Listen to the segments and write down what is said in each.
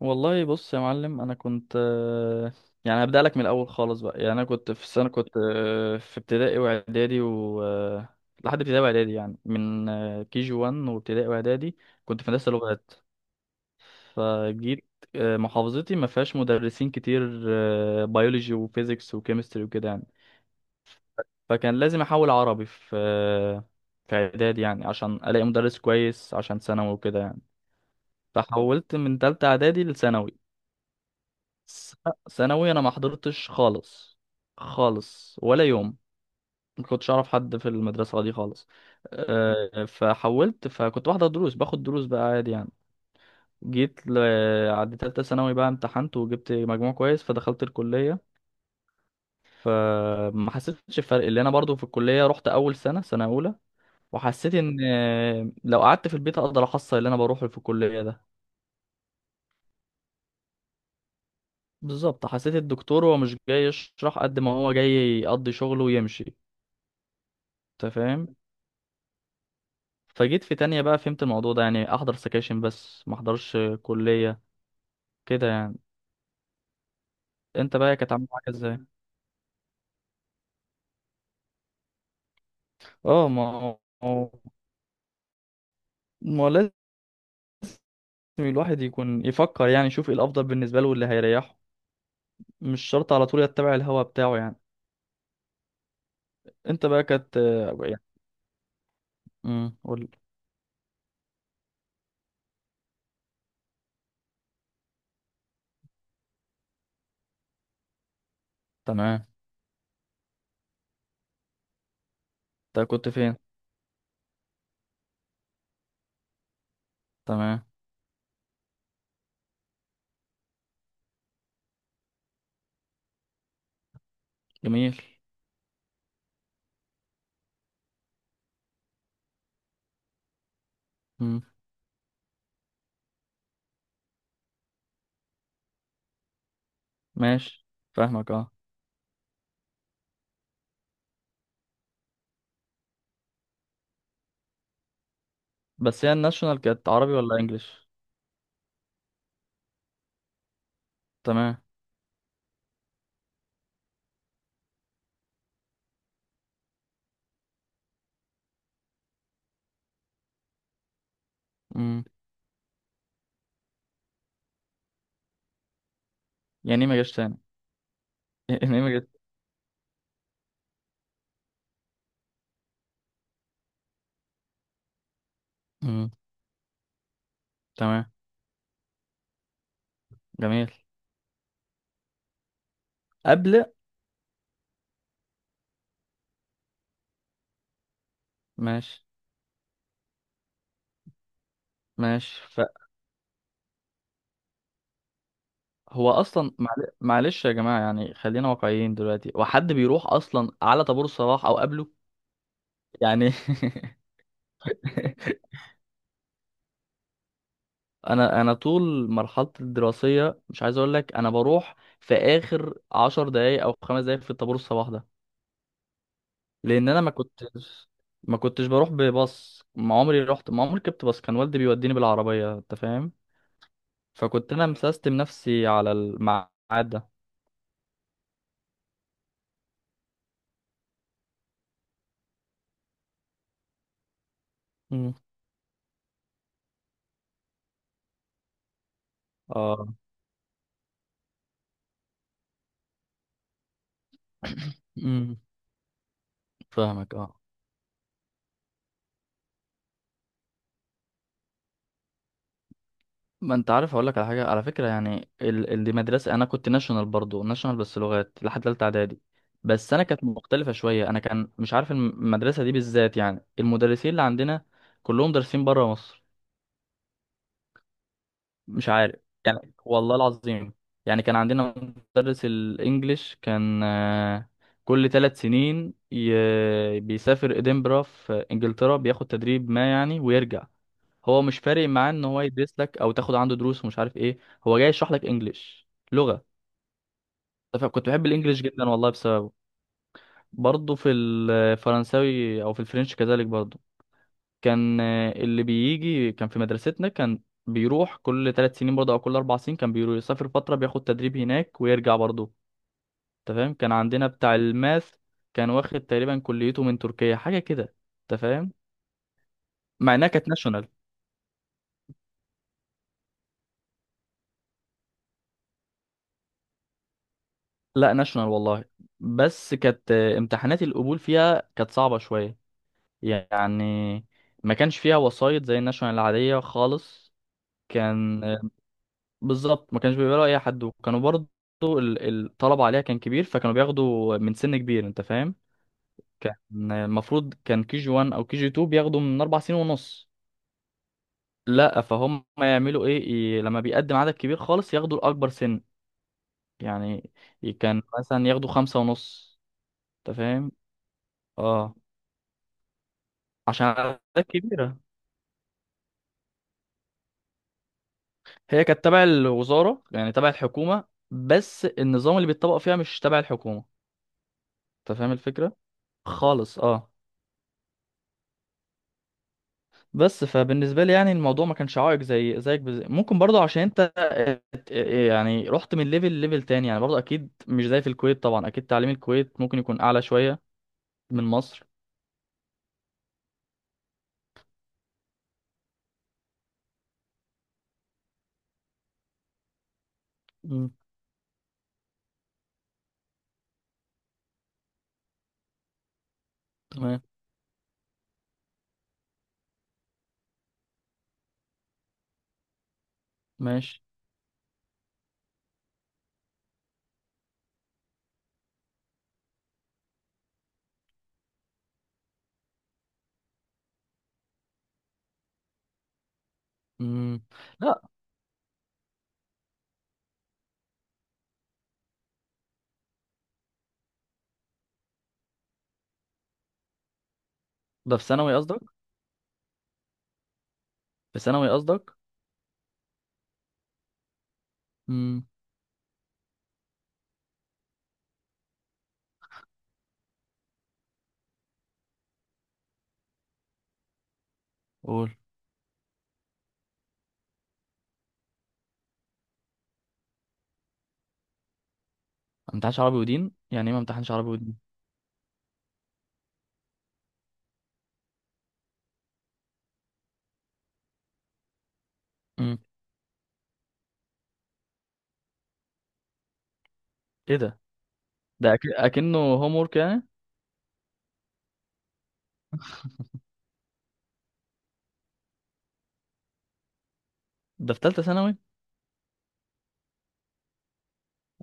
والله بص يا معلم، انا كنت يعني هبدأ لك من الاول خالص بقى. يعني انا كنت في السنه كنت في ابتدائي واعدادي و لحد ابتدائي واعدادي، يعني من كي جي 1 وابتدائي واعدادي كنت في هندسه لغات. فجيت محافظتي ما فيهاش مدرسين كتير بيولوجي وفيزيكس وكيمستري وكده يعني. فكان لازم احول عربي في اعدادي يعني عشان الاقي مدرس كويس عشان ثانوي وكده يعني. فحولت من تالتة اعدادي لثانوي. س- ثانوي انا ما حضرتش خالص خالص، ولا يوم. ما كنتش اعرف حد في المدرسة دي خالص. فحولت، فكنت بحضر دروس، باخد دروس بقى عادي يعني. جيت ل... عند تالتة ثانوي بقى امتحنت وجبت مجموع كويس فدخلت الكلية. فما حسيتش بفرق، اللي انا برضو في الكلية رحت اول سنة سنة اولى وحسيت ان لو قعدت في البيت اقدر احصل اللي انا بروحه في الكليه ده. بالظبط، حسيت الدكتور هو مش جاي يشرح قد ما هو جاي يقضي شغله ويمشي. انت فاهم. فجيت في تانية بقى فهمت الموضوع ده، يعني احضر سكاشن بس ما احضرش كليه كده يعني. انت بقى كانت عامل معاك ازاي؟ اه، ما هو ما هو لازم الواحد يكون يفكر، يعني يشوف ايه الافضل بالنسبه له واللي هيريحه. مش شرط على طول يتبع الهوا بتاعه يعني. انت بقى كانت يعني. امم، قول. تمام. انت كنت فين؟ تمام. جميل. مم. ماشي. فاهمك اه. بس هي الناشونال كانت عربي ولا انجليش؟ تمام. مم. يعني ايه ما جاش تاني؟ يعني ايه ما جاش؟ مم. تمام. جميل. قبل. ماشي. ماشي. فهو اصلا معلش يا جماعه، يعني خلينا واقعيين دلوقتي، وحد بيروح اصلا على طابور الصباح او قبله يعني؟ انا طول مرحلتي الدراسيه مش عايز اقول لك، انا بروح في اخر عشر دقايق او خمس دقايق في الطابور الصباح ده. لان انا ما كنتش بروح بباص، ما عمري رحت، ما عمري ركبت باص. كان والدي بيوديني بالعربيه. انت فاهم. فكنت انا مسستم نفسي على الميعاد ده. مم. اه. مم. فاهمك اه. ما انت عارف اقول لك على حاجه على فكره، يعني دي مدرسه انا كنت ناشونال، برضو ناشونال بس لغات لحد ثالثه اعدادي. بس انا كانت مختلفه شويه، انا كان مش عارف المدرسه دي بالذات، يعني المدرسين اللي عندنا كلهم دارسين بره مصر. مش عارف يعني، والله العظيم. يعني كان عندنا مدرس الانجليش كان كل ثلاث سنين بيسافر ادنبرا في انجلترا بياخد تدريب ما يعني ويرجع. هو مش فارق معاه ان هو يدرس لك او تاخد عنده دروس ومش عارف ايه، هو جاي يشرح لك انجليش لغة. فكنت بحب الانجليش جدا والله بسببه. برضه في الفرنساوي او في الفرنش كذلك برضه، كان اللي بيجي كان في مدرستنا كان بيروح كل ثلاث سنين برضه او كل اربع سنين، كان بيروح يسافر فتره بياخد تدريب هناك ويرجع برضه. انت فاهم. كان عندنا بتاع الماث كان واخد تقريبا كليته من تركيا حاجه كده. انت فاهم. مع انها كانت ناشونال. لا ناشونال والله. بس كانت امتحانات القبول فيها كانت صعبه شويه يعني، ما كانش فيها وسايط زي الناشونال العاديه خالص. كان بالظبط ما كانش بيقبلوا اي حد، وكانوا برضو الطلب عليها كان كبير، فكانوا بياخدوا من سن كبير. انت فاهم. كان المفروض كان كي جي 1 او كي جي 2 بياخدوا من اربع سنين ونص، لا فهم يعملوا ايه، لما بيقدم عدد كبير خالص ياخدوا الاكبر سن يعني. كان مثلا ياخدوا خمسة ونص. انت فاهم. اه، عشان عدد كبيرة. هي كانت تبع الوزارة يعني تبع الحكومة، بس النظام اللي بيتطبق فيها مش تبع الحكومة. انت فاهم الفكرة. خالص اه. بس فبالنسبة لي يعني الموضوع ما كانش عائق زي زيك. ممكن برضه عشان انت ات- يعني رحت من ليفل ليفل تاني، يعني برضه اكيد مش زي في الكويت. طبعا اكيد تعليم الكويت ممكن يكون اعلى شوية من مصر. مم. تمام. ماشي. مم. لا، ده في ثانوي قصدك؟ في ثانوي قصدك؟ امم، قول. ما امتحنش عربي ودين، يعني ايه ما امتحنش عربي ودين؟ امم. ايه ده؟ ده اكنه هوم ورك يعني؟ ده في ثالثة ثانوي؟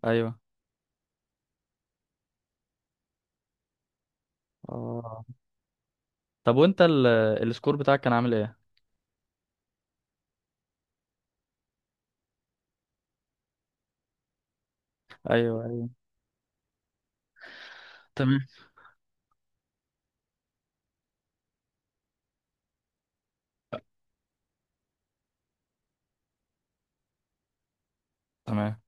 ايوه. اه، طب وانت السكور بتاعك كان عامل ايه؟ ايوه ايوه. تمام. تمام.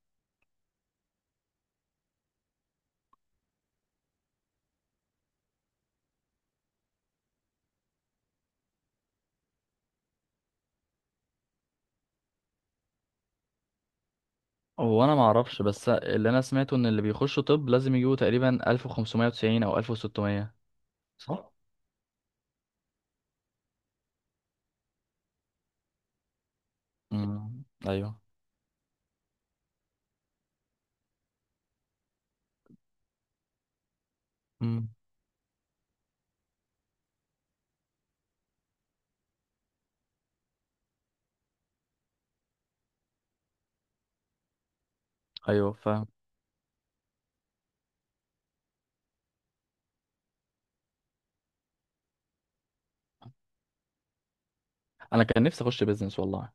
هو انا ما اعرفش، بس اللي انا سمعته ان اللي بيخشوا طب لازم يجيبوا تقريبا 1590 او 1600. صح؟ امم. ايوه. امم. ايوه، فاهم. انا كان نفسي اخش بيزنس والله.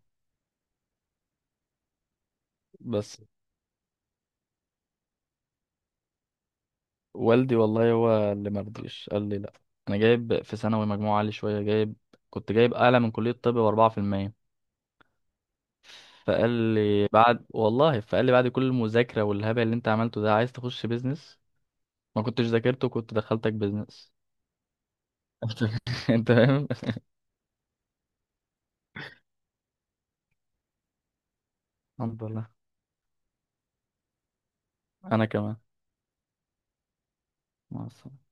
بس والدي والله هو اللي ما رضيش، قال لي لا. انا جايب في ثانوي مجموع عالي شويه، جايب، كنت جايب اعلى من كليه الطب ب 4%. فقال لي بعد والله، فقال لي بعد كل المذاكره والهبل اللي انت عملته ده عايز تخش بيزنس؟ ما كنتش ذاكرته كنت دخلتك بيزنس. انت فاهم. الحمد لله. انا كمان. مع السلامة.